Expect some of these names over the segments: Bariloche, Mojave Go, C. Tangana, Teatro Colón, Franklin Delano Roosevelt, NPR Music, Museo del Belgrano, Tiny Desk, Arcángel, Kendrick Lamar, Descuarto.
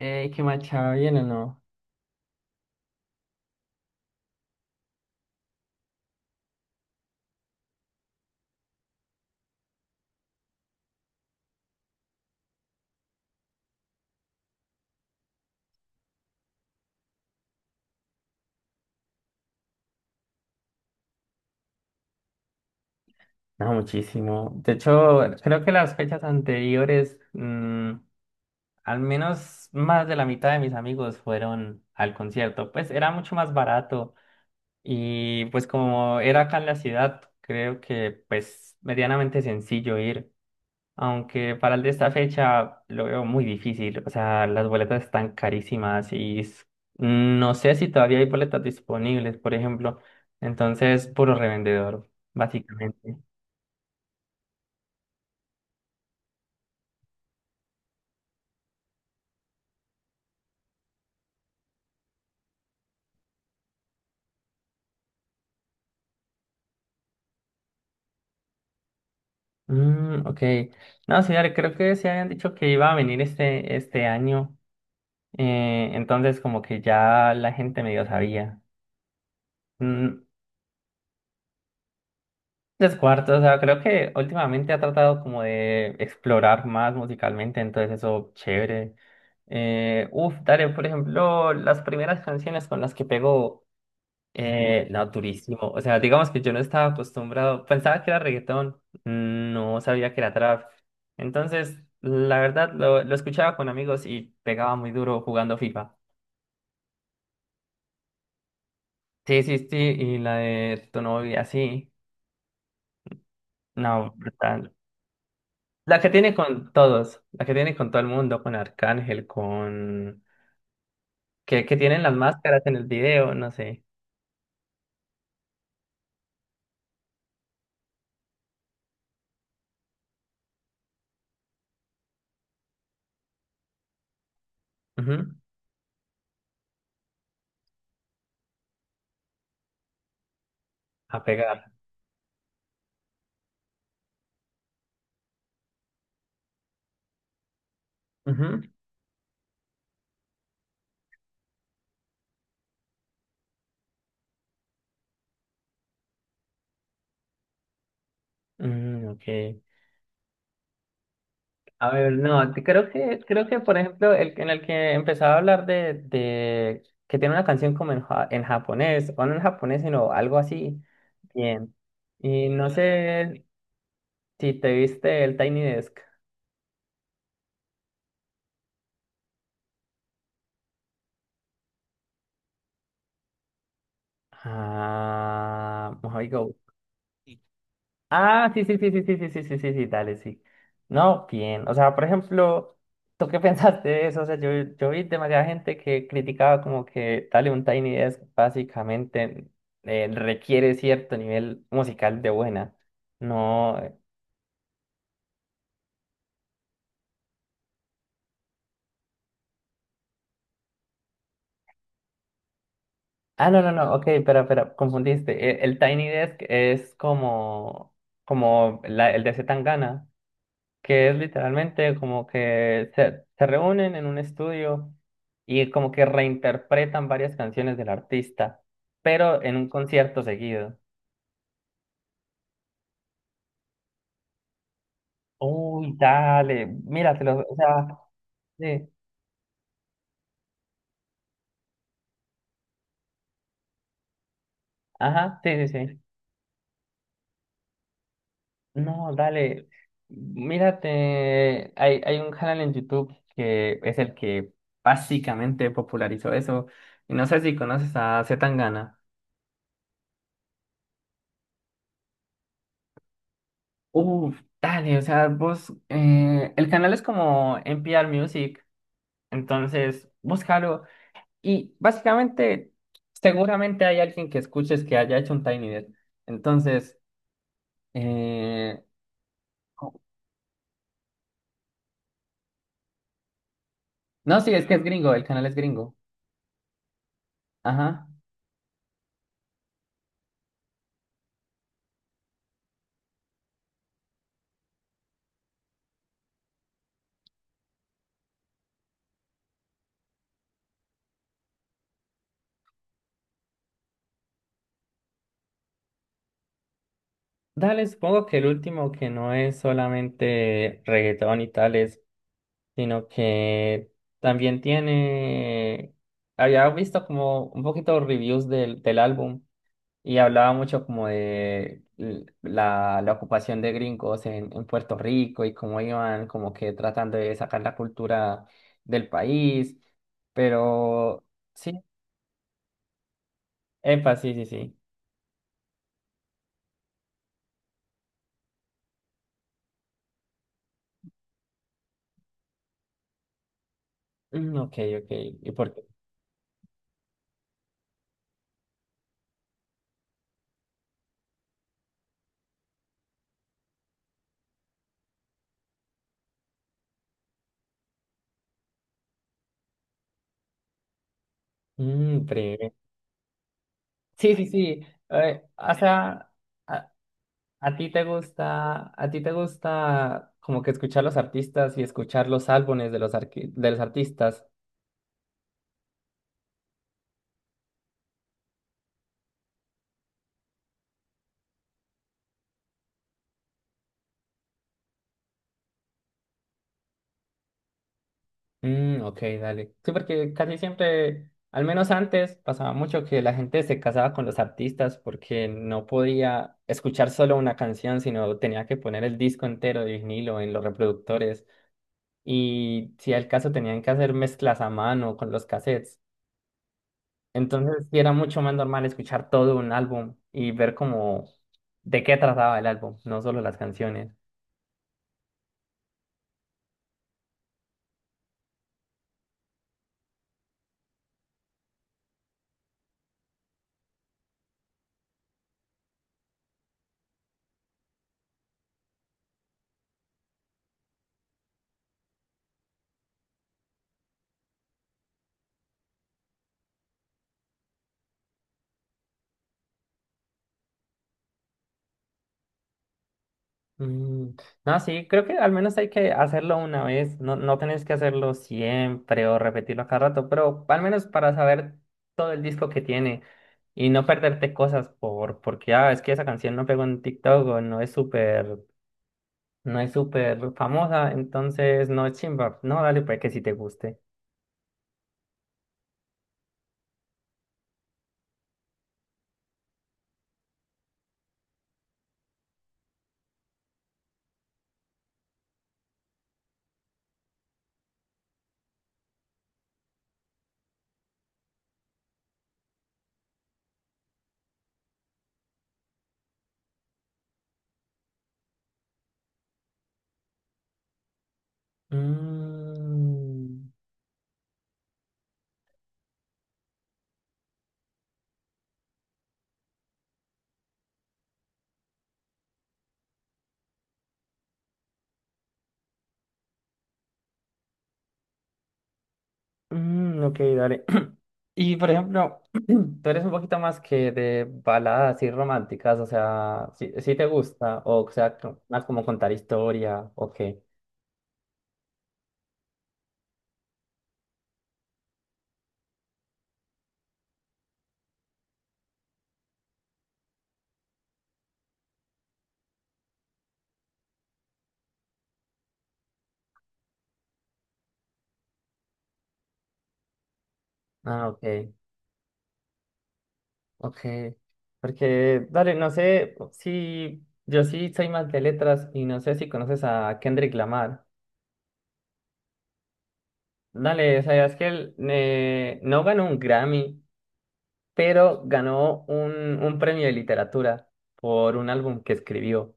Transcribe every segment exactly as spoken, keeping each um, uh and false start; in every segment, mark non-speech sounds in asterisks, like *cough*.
Ey, ¿qué marcha bien o no? No, muchísimo. De hecho, creo que las fechas anteriores, mm, al menos más de la mitad de mis amigos fueron al concierto. Pues era mucho más barato y pues como era acá en la ciudad, creo que pues medianamente sencillo ir. Aunque para el de esta fecha lo veo muy difícil. O sea, las boletas están carísimas y s- no sé si todavía hay boletas disponibles, por ejemplo. Entonces, puro revendedor, básicamente. Mm, ok. No, señores, creo que se habían dicho que iba a venir este, este año. Eh, entonces, como que ya la gente medio sabía. Mm. Descuarto, o sea, creo que últimamente ha tratado como de explorar más musicalmente, entonces eso, chévere. Eh, uf, dale, por ejemplo, las primeras canciones con las que pegó, eh, no, durísimo. O sea, digamos que yo no estaba acostumbrado, pensaba que era reggaetón, no sabía que era trap. Entonces, la verdad, lo, lo escuchaba con amigos y pegaba muy duro jugando FIFA. Sí, sí, sí, y la de tu novia, sí. No, brutal. La que tiene con todos, la que tiene con todo el mundo, con Arcángel, con... Que, que tienen las máscaras en el video, no sé. Ujú. A pegar. Ujú, mm, ok. A ver, no, te- creo que, creo que, por ejemplo, el en el que empezaba a hablar de, de que tiene una canción como en, ja- en japonés, o no en japonés, sino algo así. Bien. Y no sé si te viste el Tiny Desk. Ah, Mojave Go. Ah, sí, sí, sí, sí, sí, sí, sí, sí, sí, sí, dale, sí. No, bien. O sea, por ejemplo, ¿tú qué *laughs* pensaste de eso? O sea, yo, yo vi demasiada gente que criticaba como que dale un Tiny Desk básicamente eh, requiere cierto nivel musical de buena. No. eh, Ah, no, no, no, ok, espera, espera, confundiste. E- El, Tiny Desk es como, como la- el de C. Tangana, que es literalmente como que se, se reúnen en un estudio y como que reinterpretan varias canciones del artista, pero en un concierto seguido. Uy, dale, míratelo, o sea, sí, ajá, sí, sí, sí. No, dale, mírate, hay, hay un canal en YouTube que es el que básicamente popularizó eso, y no sé si conoces a C. Tangana. Uf, dale, o sea, vos, eh, el canal es como N P R Music, entonces búscalo y básicamente seguramente hay alguien que escuches que haya hecho un Tiny Dead entonces, eh, no, sí, es que es gringo, el canal es gringo, ajá, dale, supongo que el último que no es solamente reggaetón y tales, sino que también tiene, había visto como un poquito reviews del, del álbum. Y hablaba mucho como de l- la, la ocupación de gringos en, en Puerto Rico y cómo iban como que tratando de sacar la cultura del país. Pero sí, epa, sí, sí, sí. Mm, ok, ok. ¿Y por qué? Mm, breve. Sí, sí, sí. Eh, o sea, a, a ti te gusta, a ti te gusta como que escuchar los artistas y escuchar los álbumes de los, arqui- de los artistas. Mm, ok, dale. Sí, porque casi siempre, al menos antes, pasaba mucho que la gente se casaba con los artistas porque no podía escuchar solo una canción, sino tenía que poner el disco entero de vinilo en los reproductores. Y si era el caso, tenían que hacer mezclas a mano con los cassettes. Entonces, sí era mucho más normal escuchar todo un álbum y ver como de qué trataba el álbum, no solo las canciones. Mm. No, sí, creo que al menos hay que hacerlo una vez, no, no tenés que hacerlo siempre o repetirlo a cada rato, pero al menos para saber todo el disco que tiene y no perderte cosas por, porque, ah, es que esa canción no pegó en TikTok o no es súper, no es súper famosa, entonces no es chimba, no, dale, pues que si te guste. Mm, mm, ok, dale. Y por ejemplo, *clears throat* tú eres un poquito más que de baladas y románticas, o sea, si, te gusta, o sea, co- más como contar historia, o qué. Ah, ok, ok. Porque, dale, no sé si yo sí soy más de letras y no sé si conoces a Kendrick Lamar. Dale, o sea, es que él eh, no ganó un Grammy, pero ganó un, un premio de literatura por un álbum que escribió.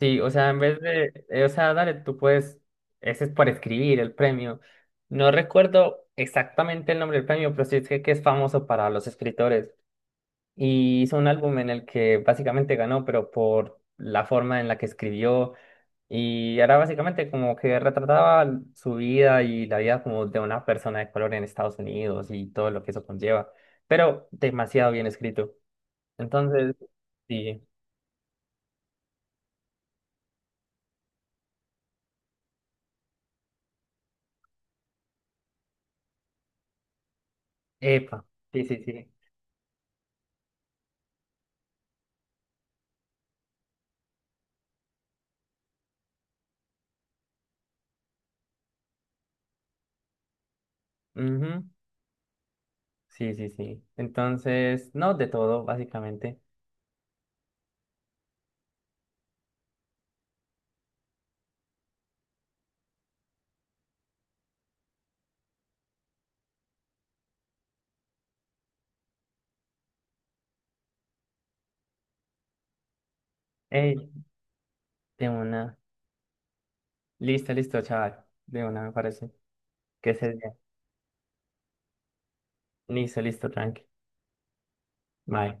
Sí, o sea, en vez de, eh, o sea, dale, tú puedes, ese es por escribir el premio. No recuerdo exactamente el nombre del premio, pero sí sé que es famoso para los escritores. Y hizo un álbum en el que básicamente ganó, pero por la forma en la que escribió. Y era básicamente como que retrataba su vida y la vida como de una persona de color en Estados Unidos y todo lo que eso conlleva. Pero demasiado bien escrito. Entonces, sí, epa, sí, sí, sí. Ujú. Sí, sí, sí. Entonces, no, de todo, básicamente. Ey, de una. Listo, listo, chaval. De una, me parece. Que se bien. Listo, listo, tranqui. Bye.